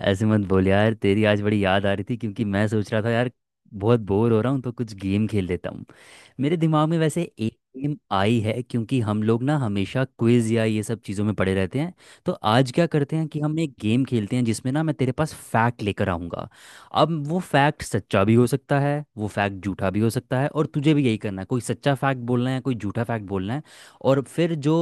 ऐसे मत बोल यार। तेरी आज बड़ी याद आ रही थी क्योंकि मैं सोच रहा था यार बहुत बोर हो रहा हूँ तो कुछ गेम खेल लेता हूँ। मेरे दिमाग में वैसे एक गेम आई है क्योंकि हम लोग ना हमेशा क्विज या ये सब चीज़ों में पड़े रहते हैं। तो आज क्या करते हैं कि हम एक गेम खेलते हैं जिसमें ना मैं तेरे पास फैक्ट लेकर आऊँगा। अब वो फैक्ट सच्चा भी हो सकता है, वो फैक्ट झूठा भी हो सकता है, और तुझे भी यही करना है, कोई सच्चा फैक्ट बोलना है कोई झूठा फैक्ट बोलना है। और फिर जो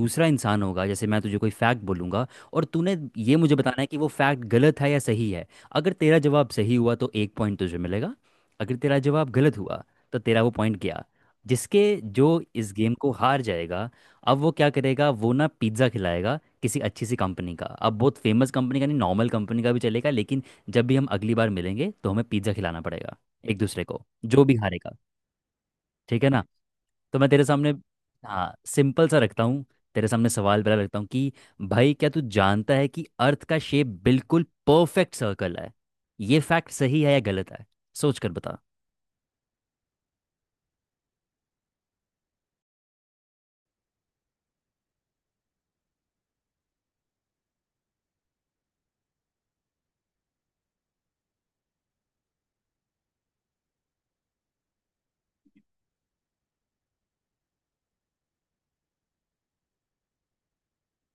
दूसरा इंसान होगा, जैसे मैं तुझे कोई फैक्ट बोलूँगा और तूने ये मुझे बताना है कि वो फैक्ट गलत है या सही है। अगर तेरा जवाब सही हुआ तो एक पॉइंट तुझे मिलेगा, अगर तेरा जवाब गलत हुआ तो तेरा वो पॉइंट गया। जिसके जो इस गेम को हार जाएगा, अब वो क्या करेगा, वो ना पिज्ज़ा खिलाएगा किसी अच्छी सी कंपनी का, अब बहुत फेमस कंपनी का नहीं नॉर्मल कंपनी का भी चलेगा, लेकिन जब भी हम अगली बार मिलेंगे तो हमें पिज्ज़ा खिलाना पड़ेगा एक दूसरे को, जो भी हारेगा। ठीक है ना। तो मैं तेरे सामने, हाँ, सिंपल सा रखता हूँ। तेरे सामने सवाल पहला रखता हूँ कि भाई क्या तू जानता है कि अर्थ का शेप बिल्कुल परफेक्ट सर्कल है? ये फैक्ट सही है या गलत है? सोच कर बता।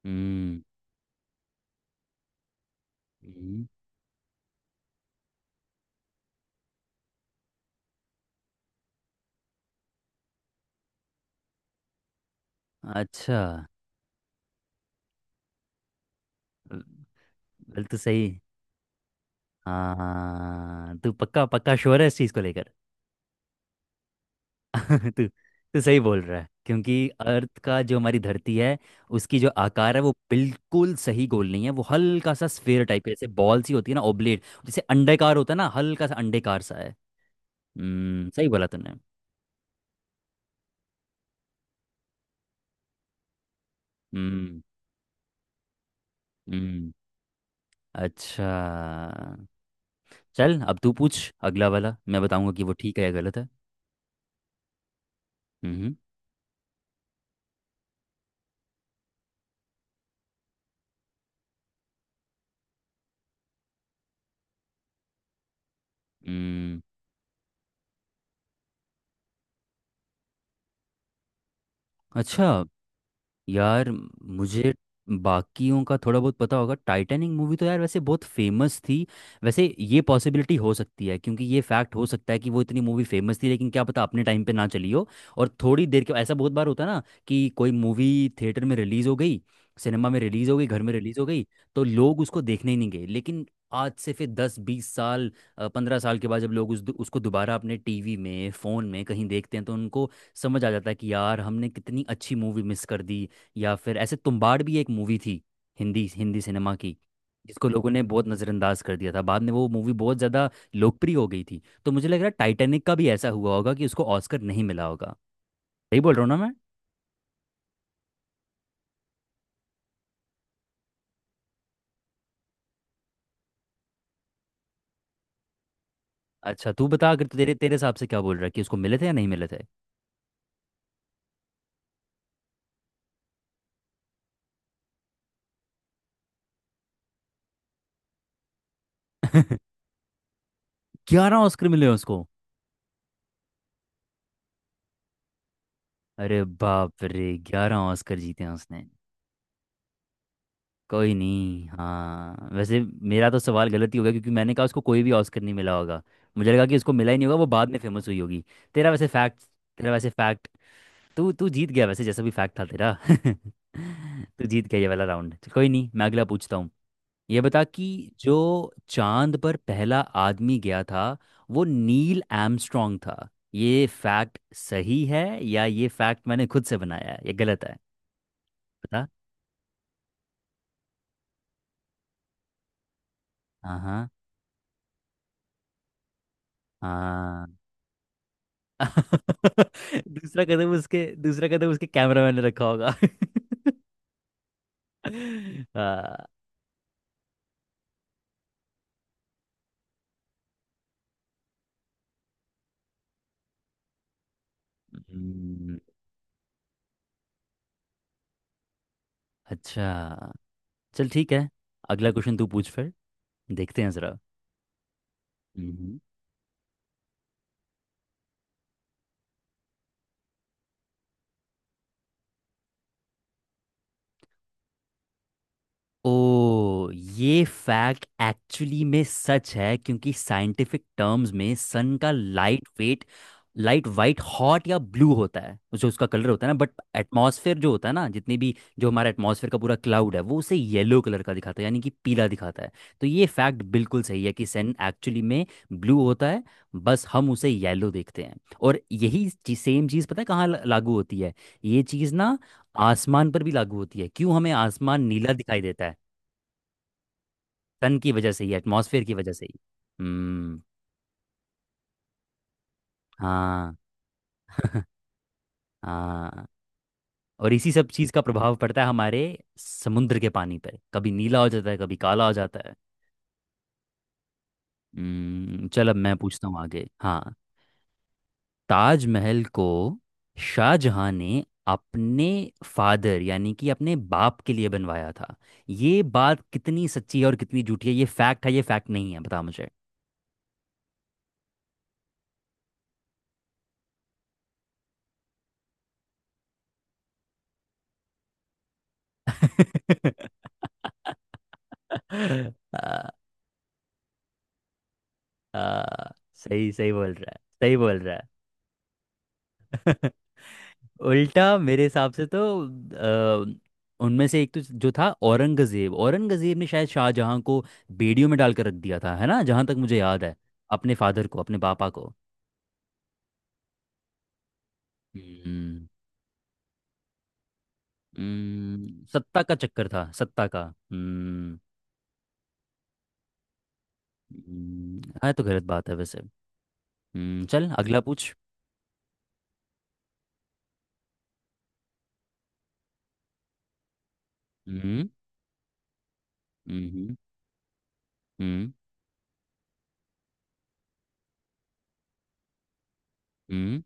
हम्म हम्म। अच्छा, गलत। तो सही। हाँ तू पक्का पक्का श्योर है इस चीज को लेकर? तू तू सही बोल रहा है क्योंकि अर्थ का, जो हमारी धरती है, उसकी जो आकार है वो बिल्कुल सही गोल नहीं है, वो हल्का सा स्फेयर टाइप है, जैसे बॉल सी होती है ना, ओब्लेट जैसे अंडाकार होता है ना, हल्का सा अंडेकार सा है। हम्म, सही बोला तूने। हम्म हम्म अच्छा। चल अब तू पूछ, अगला वाला मैं बताऊंगा कि वो ठीक है या गलत है। हम्म हम्म, अच्छा यार, मुझे बाकियों का थोड़ा बहुत पता होगा, टाइटैनिक मूवी तो यार वैसे बहुत फेमस थी। वैसे ये पॉसिबिलिटी हो सकती है क्योंकि ये फैक्ट हो सकता है कि वो इतनी मूवी फेमस थी लेकिन क्या पता अपने टाइम पे ना चली हो। और थोड़ी देर के, ऐसा बहुत बार होता है ना कि कोई मूवी थिएटर में रिलीज हो गई, सिनेमा में रिलीज हो गई, घर में रिलीज हो गई, तो लोग उसको देखने ही नहीं गए, लेकिन आज से फिर दस बीस साल, 15 साल के बाद जब लोग उस उसको दोबारा अपने टीवी में फ़ोन में कहीं देखते हैं तो उनको समझ आ जाता है कि यार हमने कितनी अच्छी मूवी मिस कर दी। या फिर ऐसे तुम्बाड़ भी एक मूवी थी हिंदी हिंदी सिनेमा की, जिसको लोगों ने बहुत नज़रअंदाज कर दिया था, बाद में वो मूवी बहुत ज़्यादा लोकप्रिय हो गई थी। तो मुझे लग रहा है टाइटैनिक का भी ऐसा हुआ होगा कि उसको ऑस्कर नहीं मिला होगा। सही बोल रहा हूँ ना मैं? अच्छा तू बता, अगर तेरे तेरे हिसाब से क्या बोल रहा है कि उसको मिले थे या नहीं मिले थे। 11 ऑस्कर मिले हैं उसको। अरे बाप रे, 11 ऑस्कर जीते हैं उसने! कोई नहीं, हाँ वैसे मेरा तो सवाल गलत ही होगा क्योंकि मैंने कहा उसको कोई भी ऑस्कर नहीं मिला होगा, मुझे लगा कि उसको मिला ही नहीं होगा, वो बाद में फेमस हुई होगी। तेरा वैसे फैक्ट तेरा वैसे फैक्ट, तू तू जीत गया, वैसे जैसा भी फैक्ट था तेरा। तू जीत गया ये वाला राउंड। चल, कोई नहीं, मैं अगला पूछता हूँ। ये बता कि जो चांद पर पहला आदमी गया था वो नील आर्मस्ट्रॉन्ग था, ये फैक्ट सही है या ये फैक्ट मैंने खुद से बनाया है, ये गलत है, बता। हाँ हाँ हाँ। दूसरा कदम उसके, दूसरा कदम उसके कैमरामैन ने रखा होगा। आ, हम्म, अच्छा चल ठीक है, अगला क्वेश्चन तू पूछ फिर, देखते हैं जरा। ओ, ये फैक्ट एक्चुअली में सच है क्योंकि साइंटिफिक टर्म्स में सन का लाइट वाइट हॉट या ब्लू होता है, जो उसका कलर होता है ना, बट एटमॉस्फेयर जो होता है ना, जितनी भी, जो हमारा एटमॉस्फेयर का पूरा क्लाउड है वो उसे येलो कलर का दिखाता है, यानी कि पीला दिखाता है। तो ये फैक्ट बिल्कुल सही है कि सन एक्चुअली में ब्लू होता है, बस हम उसे येलो देखते हैं। और यही सेम चीज़ पता है कहाँ लागू होती है, ये चीज़ ना आसमान पर भी लागू होती है, क्यों हमें आसमान नीला दिखाई देता है, सन की वजह से ही, एटमॉस्फेयर की वजह से ही। हम्म, हाँ हाँ। और इसी सब चीज़ का प्रभाव पड़ता है हमारे समुद्र के पानी पर, कभी नीला हो जाता है कभी काला हो जाता है। हम्म, चल अब मैं पूछता हूँ आगे। हाँ, ताजमहल को शाहजहां ने अपने फादर यानी कि अपने बाप के लिए बनवाया था, ये बात कितनी सच्ची है और कितनी झूठी है, ये फैक्ट है ये फैक्ट नहीं है, बता मुझे। हाँ, सही सही बोल रहा है, सही बोल रहा है। उल्टा मेरे हिसाब से तो, उनमें से एक तो जो था औरंगजेब, औरंगजेब ने शायद शाहजहां को बेड़ियों में डालकर रख दिया था, है ना, जहां तक मुझे याद है, अपने फादर को, अपने पापा को। हम्म, सत्ता का चक्कर था, सत्ता का। हम्म, हाँ ये तो गलत बात है वैसे। हम्म, चल अगला पूछ। हम्म हम्म हम्म हम्म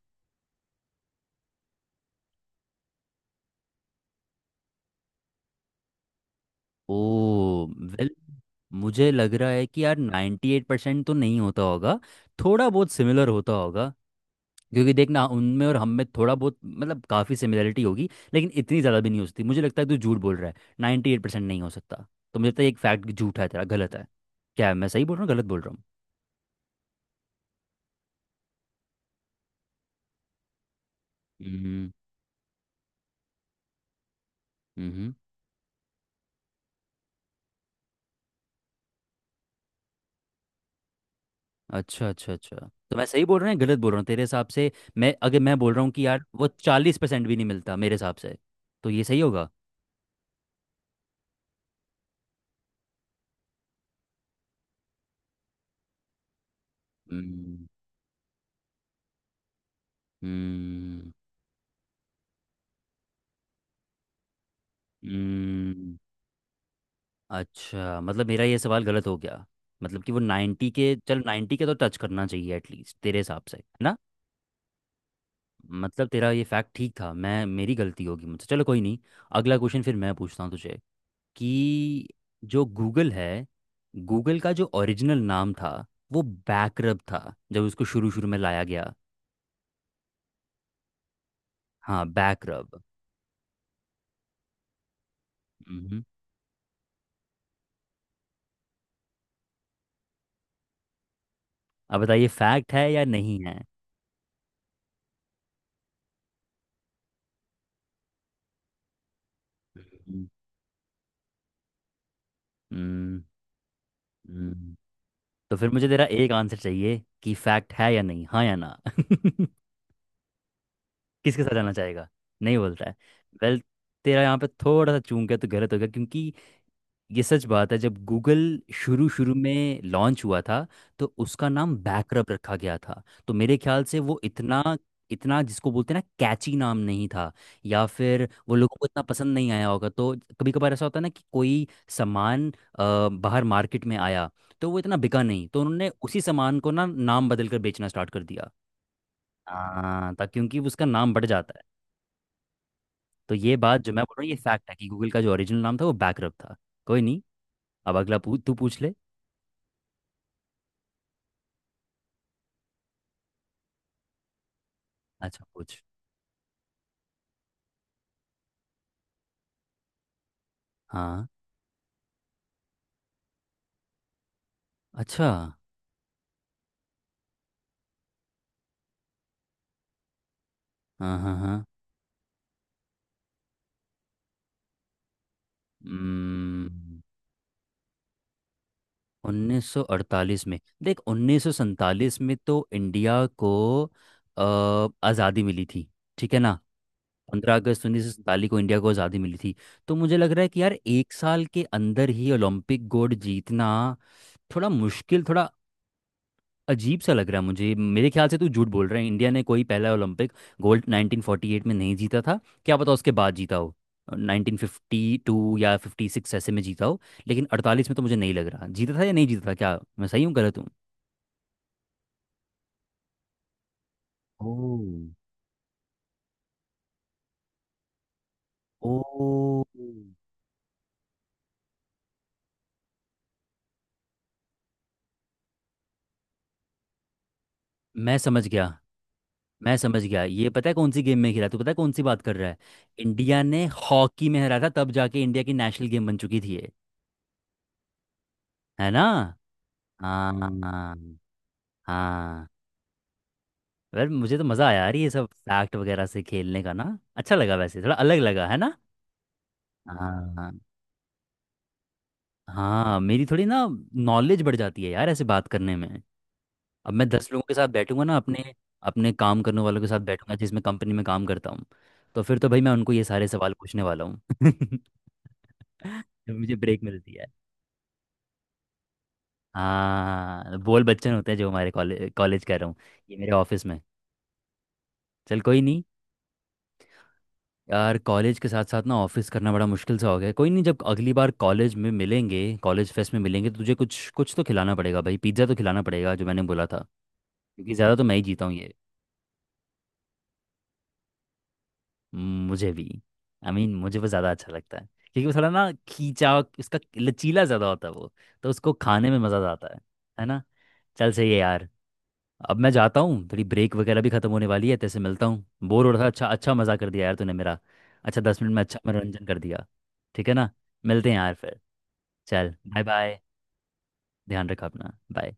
ओ वेल, मुझे लग रहा है कि यार 98% तो नहीं होता होगा, थोड़ा बहुत सिमिलर होता होगा, क्योंकि देखना उनमें और हम में थोड़ा बहुत मतलब काफ़ी सिमिलरिटी होगी, लेकिन इतनी ज़्यादा भी नहीं हो सकती, मुझे लगता है तू झूठ बोल रहा है, 98% नहीं हो सकता, तो मुझे लगता है एक फैक्ट झूठा है तेरा, गलत है। क्या मैं सही बोल रहा हूँ गलत बोल रहा हूँ? हम्म, हम्म, अच्छा अच्छा अच्छा। तो मैं सही बोल रहा हूँ या गलत बोल रहा हूँ तेरे हिसाब से? मैं अगर मैं बोल रहा हूँ कि यार वो 40% भी नहीं मिलता मेरे हिसाब से, तो ये सही होगा। हम्म, हम्म, अच्छा मतलब मेरा ये सवाल गलत हो गया, मतलब कि वो 90 के, चल 90 के तो टच करना चाहिए एटलीस्ट तेरे हिसाब से, है ना। मतलब तेरा ये फैक्ट ठीक था, मैं मेरी गलती होगी मुझसे, चलो कोई नहीं। अगला क्वेश्चन फिर मैं पूछता हूँ तुझे, कि जो गूगल है, गूगल का जो ओरिजिनल नाम था वो बैकरब था जब उसको शुरू शुरू में लाया गया। हाँ बैकरब। हम्म, अब बताइए फैक्ट है या नहीं है। हम्म, हम्म, हम्म, तो फिर मुझे तेरा एक आंसर चाहिए कि फैक्ट है या नहीं, हाँ या ना? किसके साथ जाना चाहेगा? नहीं बोलता है। वेल, तेरा यहाँ पे थोड़ा सा चूक गया तो गलत हो गया, क्योंकि ये सच बात है। जब गूगल शुरू शुरू में लॉन्च हुआ था तो उसका नाम बैकरप रखा गया था, तो मेरे ख्याल से वो इतना इतना जिसको बोलते हैं ना कैची नाम नहीं था, या फिर वो लोगों को इतना पसंद नहीं आया होगा तो। कभी कभार ऐसा होता है ना कि कोई सामान बाहर मार्केट में आया, तो वो इतना बिका नहीं, तो उन्होंने उसी सामान को ना नाम बदल कर बेचना स्टार्ट कर दिया। हाँ, ता क्योंकि उसका नाम बढ़ जाता है। तो ये बात जो मैं बोल रहा हूँ, ये फैक्ट है कि गूगल का जो ओरिजिनल नाम था वो बैकरप था। कोई नहीं, अब तू पूछ ले। अच्छा कुछ। हाँ, अच्छा। हाँ हाँ हाँ। हम्म, 1948 में? देख, 1947 में तो इंडिया को आज़ादी मिली थी, ठीक है ना, 15 अगस्त 1947 को इंडिया को आज़ादी मिली थी। तो मुझे लग रहा है कि यार 1 साल के अंदर ही ओलंपिक गोल्ड जीतना थोड़ा मुश्किल, थोड़ा अजीब सा लग रहा है मुझे, मेरे ख्याल से तू झूठ बोल रहा है, इंडिया ने कोई पहला ओलंपिक गोल्ड 1948 में नहीं जीता था। क्या पता उसके बाद जीता हो, 1952 या 56 ऐसे में जीता हो, लेकिन 48 में तो मुझे नहीं लग रहा जीता था या नहीं जीता था, क्या मैं सही हूँ गलत हूँ? ओह, ओ, मैं समझ गया, मैं समझ गया, ये पता है कौन सी गेम में खेला, तू पता है कौन सी बात कर रहा है, इंडिया ने हॉकी में हरा था, तब जाके इंडिया की नेशनल गेम बन चुकी थी ये, है ना? हाँ, हाँ। यार मुझे तो मज़ा आया यार ये सब फैक्ट वगैरह से खेलने का ना, अच्छा लगा वैसे, थोड़ा अलग लगा, है ना। हाँ, हाँ मेरी थोड़ी ना नॉलेज बढ़ जाती है यार ऐसे बात करने में। अब मैं 10 लोगों के साथ बैठूंगा ना, अपने अपने काम करने वालों के साथ बैठूंगा जिसमें कंपनी में काम करता हूँ, तो फिर तो भाई मैं उनको ये सारे सवाल पूछने वाला हूँ। जब मुझे ब्रेक मिलती है। हाँ बोल बच्चन होते हैं जो हमारे, कॉलेज कॉलेज कर रहा हूँ, ये मेरे ऑफिस में। चल कोई नहीं। यार कॉलेज के साथ साथ ना ऑफिस करना बड़ा मुश्किल सा हो गया है। कोई नहीं, जब अगली बार कॉलेज में मिलेंगे, कॉलेज फेस्ट में मिलेंगे, तो तुझे कुछ कुछ तो खिलाना पड़ेगा भाई, पिज्ज़ा तो खिलाना पड़ेगा जो मैंने बोला था, क्योंकि ज़्यादा तो मैं ही जीता हूँ ये। मुझे भी। आई I मीन mean, मुझे वो ज़्यादा अच्छा लगता है क्योंकि वो थोड़ा ना खींचा इसका लचीला ज़्यादा होता है वो, तो उसको खाने में मज़ा आता है ना। चल सही है यार, अब मैं जाता हूँ, तेरी ब्रेक वगैरह भी खत्म होने वाली है, तेरे से मिलता हूँ, बोर हो रहा था, अच्छा अच्छा मजा कर दिया यार तूने मेरा, अच्छा 10 मिनट में अच्छा मनोरंजन कर दिया, ठीक है ना। मिलते हैं यार फिर, चल बाय बाय, ध्यान रखा अपना, बाय।